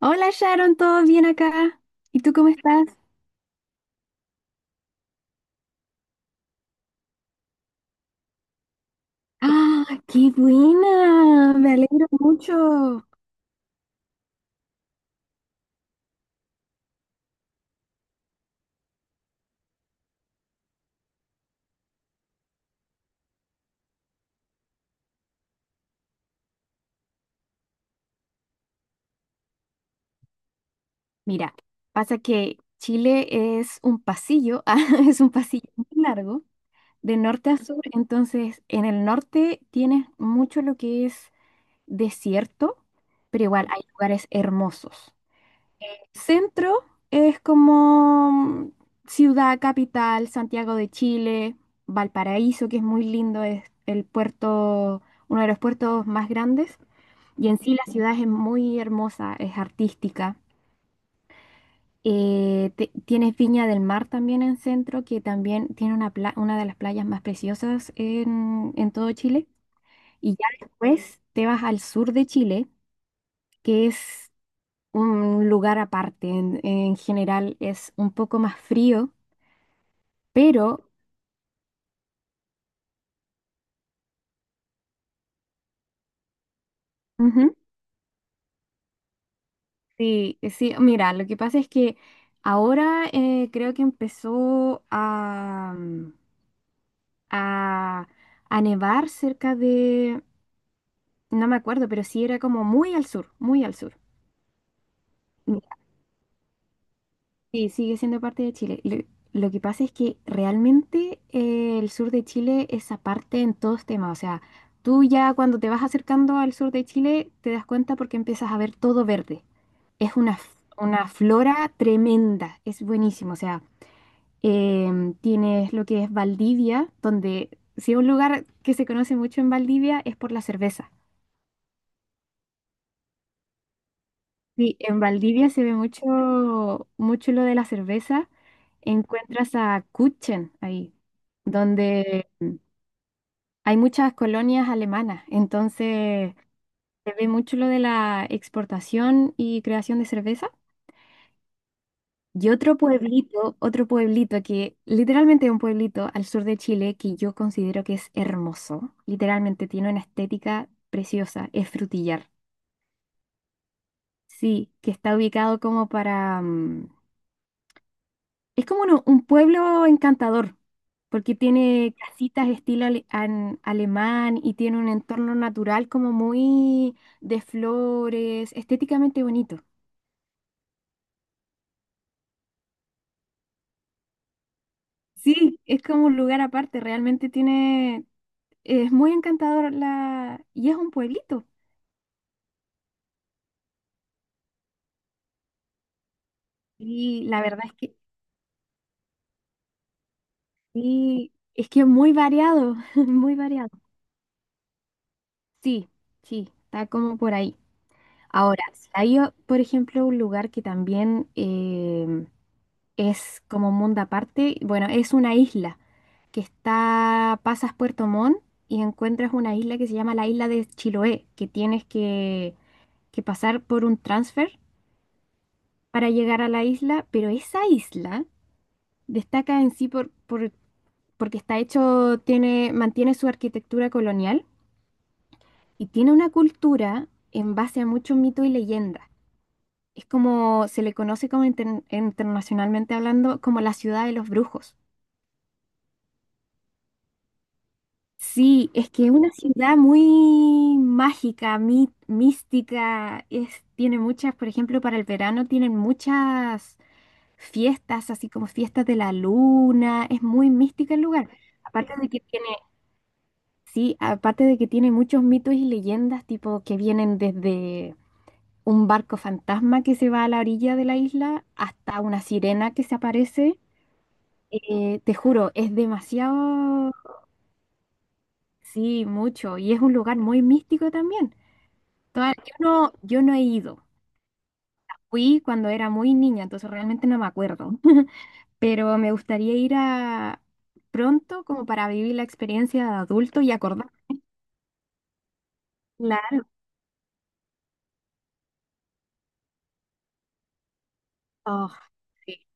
Hola Sharon, ¿todo bien acá? ¿Y tú cómo estás? ¡Ah, qué buena! Me alegro mucho. Mira, pasa que Chile es un pasillo, es un pasillo muy largo, de norte a sur. Entonces, en el norte tienes mucho lo que es desierto, pero igual hay lugares hermosos. Centro es como ciudad capital, Santiago de Chile, Valparaíso, que es muy lindo, es el puerto, uno de los puertos más grandes. Y en sí la ciudad es muy hermosa, es artística. Tienes Viña del Mar también en centro, que también tiene una de las playas más preciosas en todo Chile. Y ya después te vas al sur de Chile, que es un lugar aparte. En general es un poco más frío, pero ujú, sí, sí, mira, lo que pasa es que ahora creo que empezó a, a nevar cerca de, no me acuerdo, pero sí era como muy al sur, muy al sur. Sí, sigue siendo parte de Chile. Lo que pasa es que realmente el sur de Chile es aparte en todos temas. O sea, tú ya cuando te vas acercando al sur de Chile te das cuenta porque empiezas a ver todo verde. Es una flora tremenda, es buenísimo. O sea, tienes lo que es Valdivia, donde si hay un lugar que se conoce mucho en Valdivia es por la cerveza. Sí, en Valdivia se ve mucho, mucho lo de la cerveza. Encuentras a Kuchen ahí, donde hay muchas colonias alemanas. Entonces, se ve mucho lo de la exportación y creación de cerveza. Y otro pueblito que literalmente es un pueblito al sur de Chile que yo considero que es hermoso. Literalmente tiene una estética preciosa, es Frutillar. Sí, que está ubicado como para es como un pueblo encantador, porque tiene casitas estilo alemán y tiene un entorno natural como muy de flores, estéticamente bonito. Sí, es como un lugar aparte, realmente es muy encantador y es un pueblito. Y la verdad es que sí, es que es muy variado, muy variado. Sí, sí, está como por ahí. Ahora, si hay, o- por ejemplo, un lugar que también es como un mundo aparte. Bueno, es una isla que está, pasas Puerto Montt y encuentras una isla que se llama la isla de Chiloé, que que pasar por un transfer para llegar a la isla, pero esa isla destaca en sí porque está hecho, tiene, mantiene su arquitectura colonial y tiene una cultura en base a mucho mito y leyenda. Es como, se le conoce como internacionalmente hablando como la ciudad de los brujos. Sí, es que es una ciudad muy mágica, mística, es, tiene muchas, por ejemplo, para el verano tienen muchas fiestas, así como fiestas de la luna, es muy mística el lugar. Aparte de que tiene, sí, aparte de que tiene muchos mitos y leyendas, tipo que vienen desde un barco fantasma que se va a la orilla de la isla hasta una sirena que se aparece. Te juro, es demasiado, sí, mucho, y es un lugar muy místico también. Yo no he ido. Fui cuando era muy niña, entonces realmente no me acuerdo. Pero me gustaría ir a pronto como para vivir la experiencia de adulto y acordar. Claro. Oh, sí.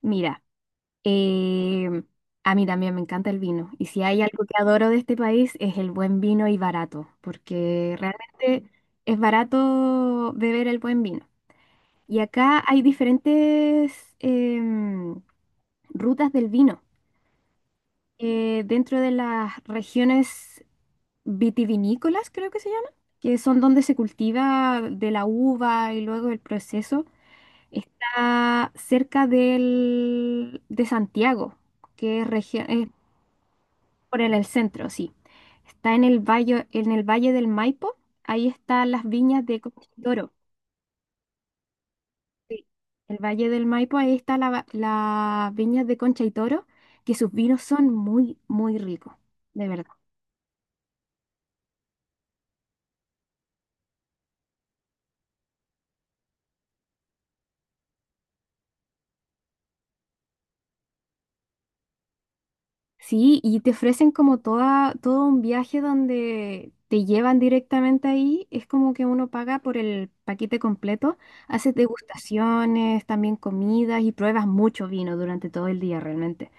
Mira, em, a mí también me encanta el vino. Y si hay algo que adoro de este país es el buen vino y barato, porque realmente es barato beber el buen vino. Y acá hay diferentes rutas del vino. Dentro de las regiones vitivinícolas, creo que se llama, que son donde se cultiva de la uva y luego el proceso, está cerca de Santiago, que es, por el centro, sí. Está en el Valle del Maipo, ahí están las viñas de Concha y Toro. Sí. El Valle del Maipo, ahí están las viñas de Concha y Toro, que sus vinos son muy, muy ricos, de verdad. Sí, y te ofrecen como toda, todo un viaje donde te llevan directamente ahí. Es como que uno paga por el paquete completo. Haces degustaciones, también comidas y pruebas mucho vino durante todo el día realmente.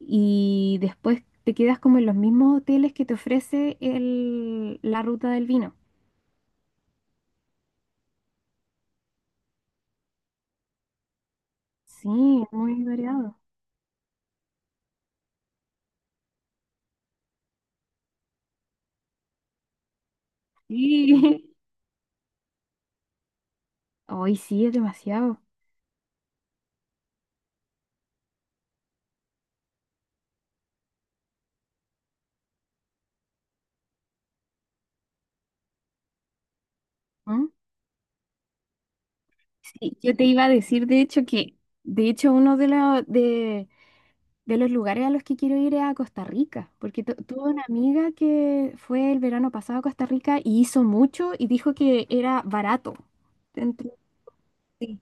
Y después te quedas como en los mismos hoteles que te ofrece la ruta del vino. Sí, muy variado. Sí. Hoy sí, es demasiado. ¿Mm? Sí, yo te iba a decir, de hecho, que de hecho uno de los lugares a los que quiero ir es a Costa Rica, porque tuve una amiga que fue el verano pasado a Costa Rica y hizo mucho y dijo que era barato. Entonces, sí,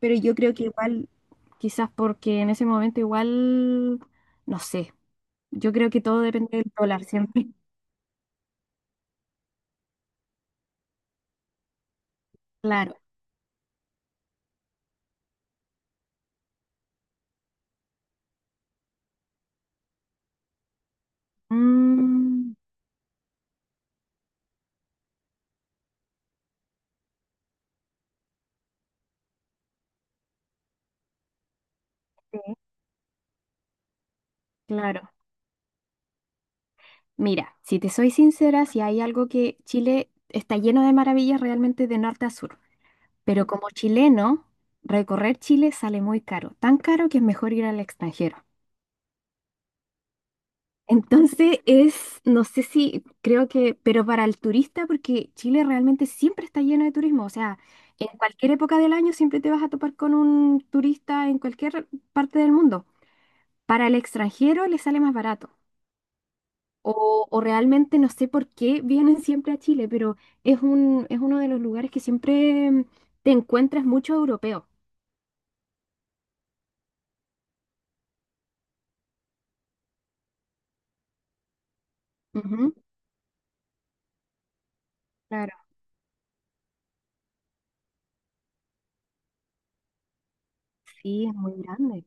pero yo creo que igual, quizás porque en ese momento igual, no sé, yo creo que todo depende del dólar siempre. Claro. Mm, sí, claro. Mira, si te soy sincera, si hay algo que Chile está lleno de maravillas realmente de norte a sur. Pero como chileno, recorrer Chile sale muy caro, tan caro que es mejor ir al extranjero. Entonces es, no sé si creo que, pero para el turista, porque Chile realmente siempre está lleno de turismo, o sea, en cualquier época del año siempre te vas a topar con un turista en cualquier parte del mundo. Para el extranjero le sale más barato. O realmente no sé por qué vienen siempre a Chile, pero es uno de los lugares que siempre te encuentras mucho europeo. Ujú, claro. Sí, es muy grande.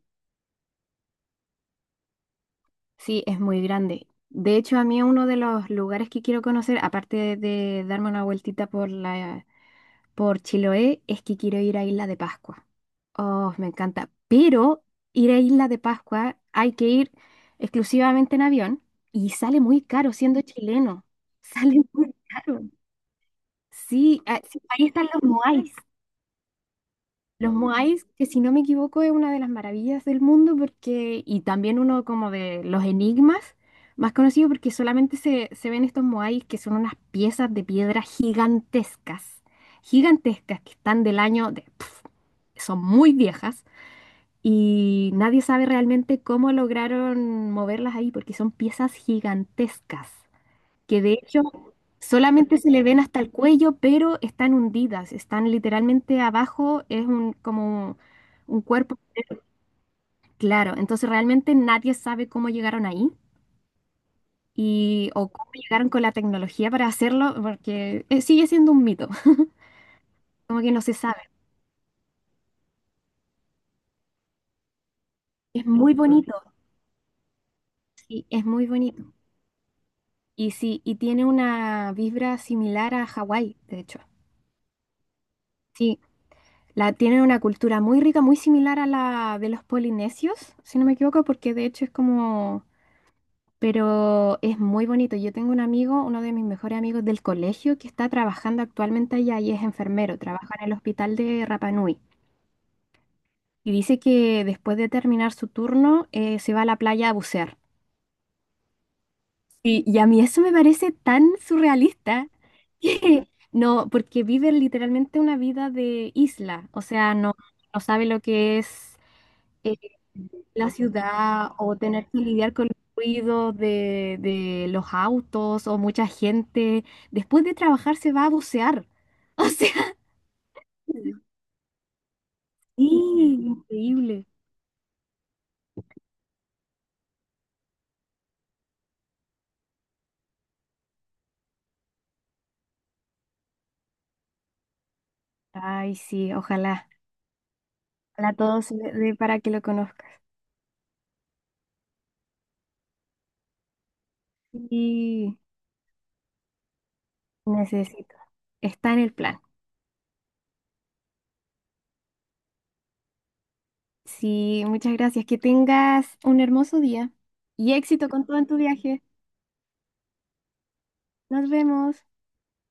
Sí, es muy grande. De hecho, a mí uno de los lugares que quiero conocer, aparte de darme una vueltita por por Chiloé, es que quiero ir a Isla de Pascua. Oh, me encanta. Pero ir a Isla de Pascua hay que ir exclusivamente en avión y sale muy caro siendo chileno. Sale muy caro. Sí, ah, sí, ahí están los moais. Los Moais, que si no me equivoco es una de las maravillas del mundo porque, y también uno como de los enigmas más conocidos porque solamente se ven estos Moais que son unas piezas de piedra gigantescas, gigantescas que están del año de, pf, son muy viejas y nadie sabe realmente cómo lograron moverlas ahí porque son piezas gigantescas que de hecho solamente se le ven hasta el cuello, pero están hundidas, están literalmente abajo, es un, como un cuerpo claro. Entonces realmente nadie sabe cómo llegaron ahí o cómo llegaron con la tecnología para hacerlo, porque sigue siendo un mito, como que no se sabe. Es muy bonito, sí, es muy bonito. Y sí, y tiene una vibra similar a Hawái, de hecho. Sí, tienen una cultura muy rica, muy similar a la de los polinesios, si no me equivoco, porque de hecho es como pero es muy bonito. Yo tengo un amigo, uno de mis mejores amigos del colegio, que está trabajando actualmente allá y es enfermero, trabaja en el hospital de Rapa Nui. Y dice que después de terminar su turno se va a la playa a bucear. Y a mí eso me parece tan surrealista que no, porque vive literalmente una vida de isla, o sea, no, no sabe lo que es. Eh, la ciudad o tener que lidiar con el ruido de los autos o mucha gente. Después de trabajar se va a bucear. O sea, sí, increíble. Ay, sí, ojalá. Ojalá todo se le dé para que lo conozca. Sí, necesito. Está en el plan. Sí, muchas gracias. Que tengas un hermoso día y éxito con todo en tu viaje. Nos vemos.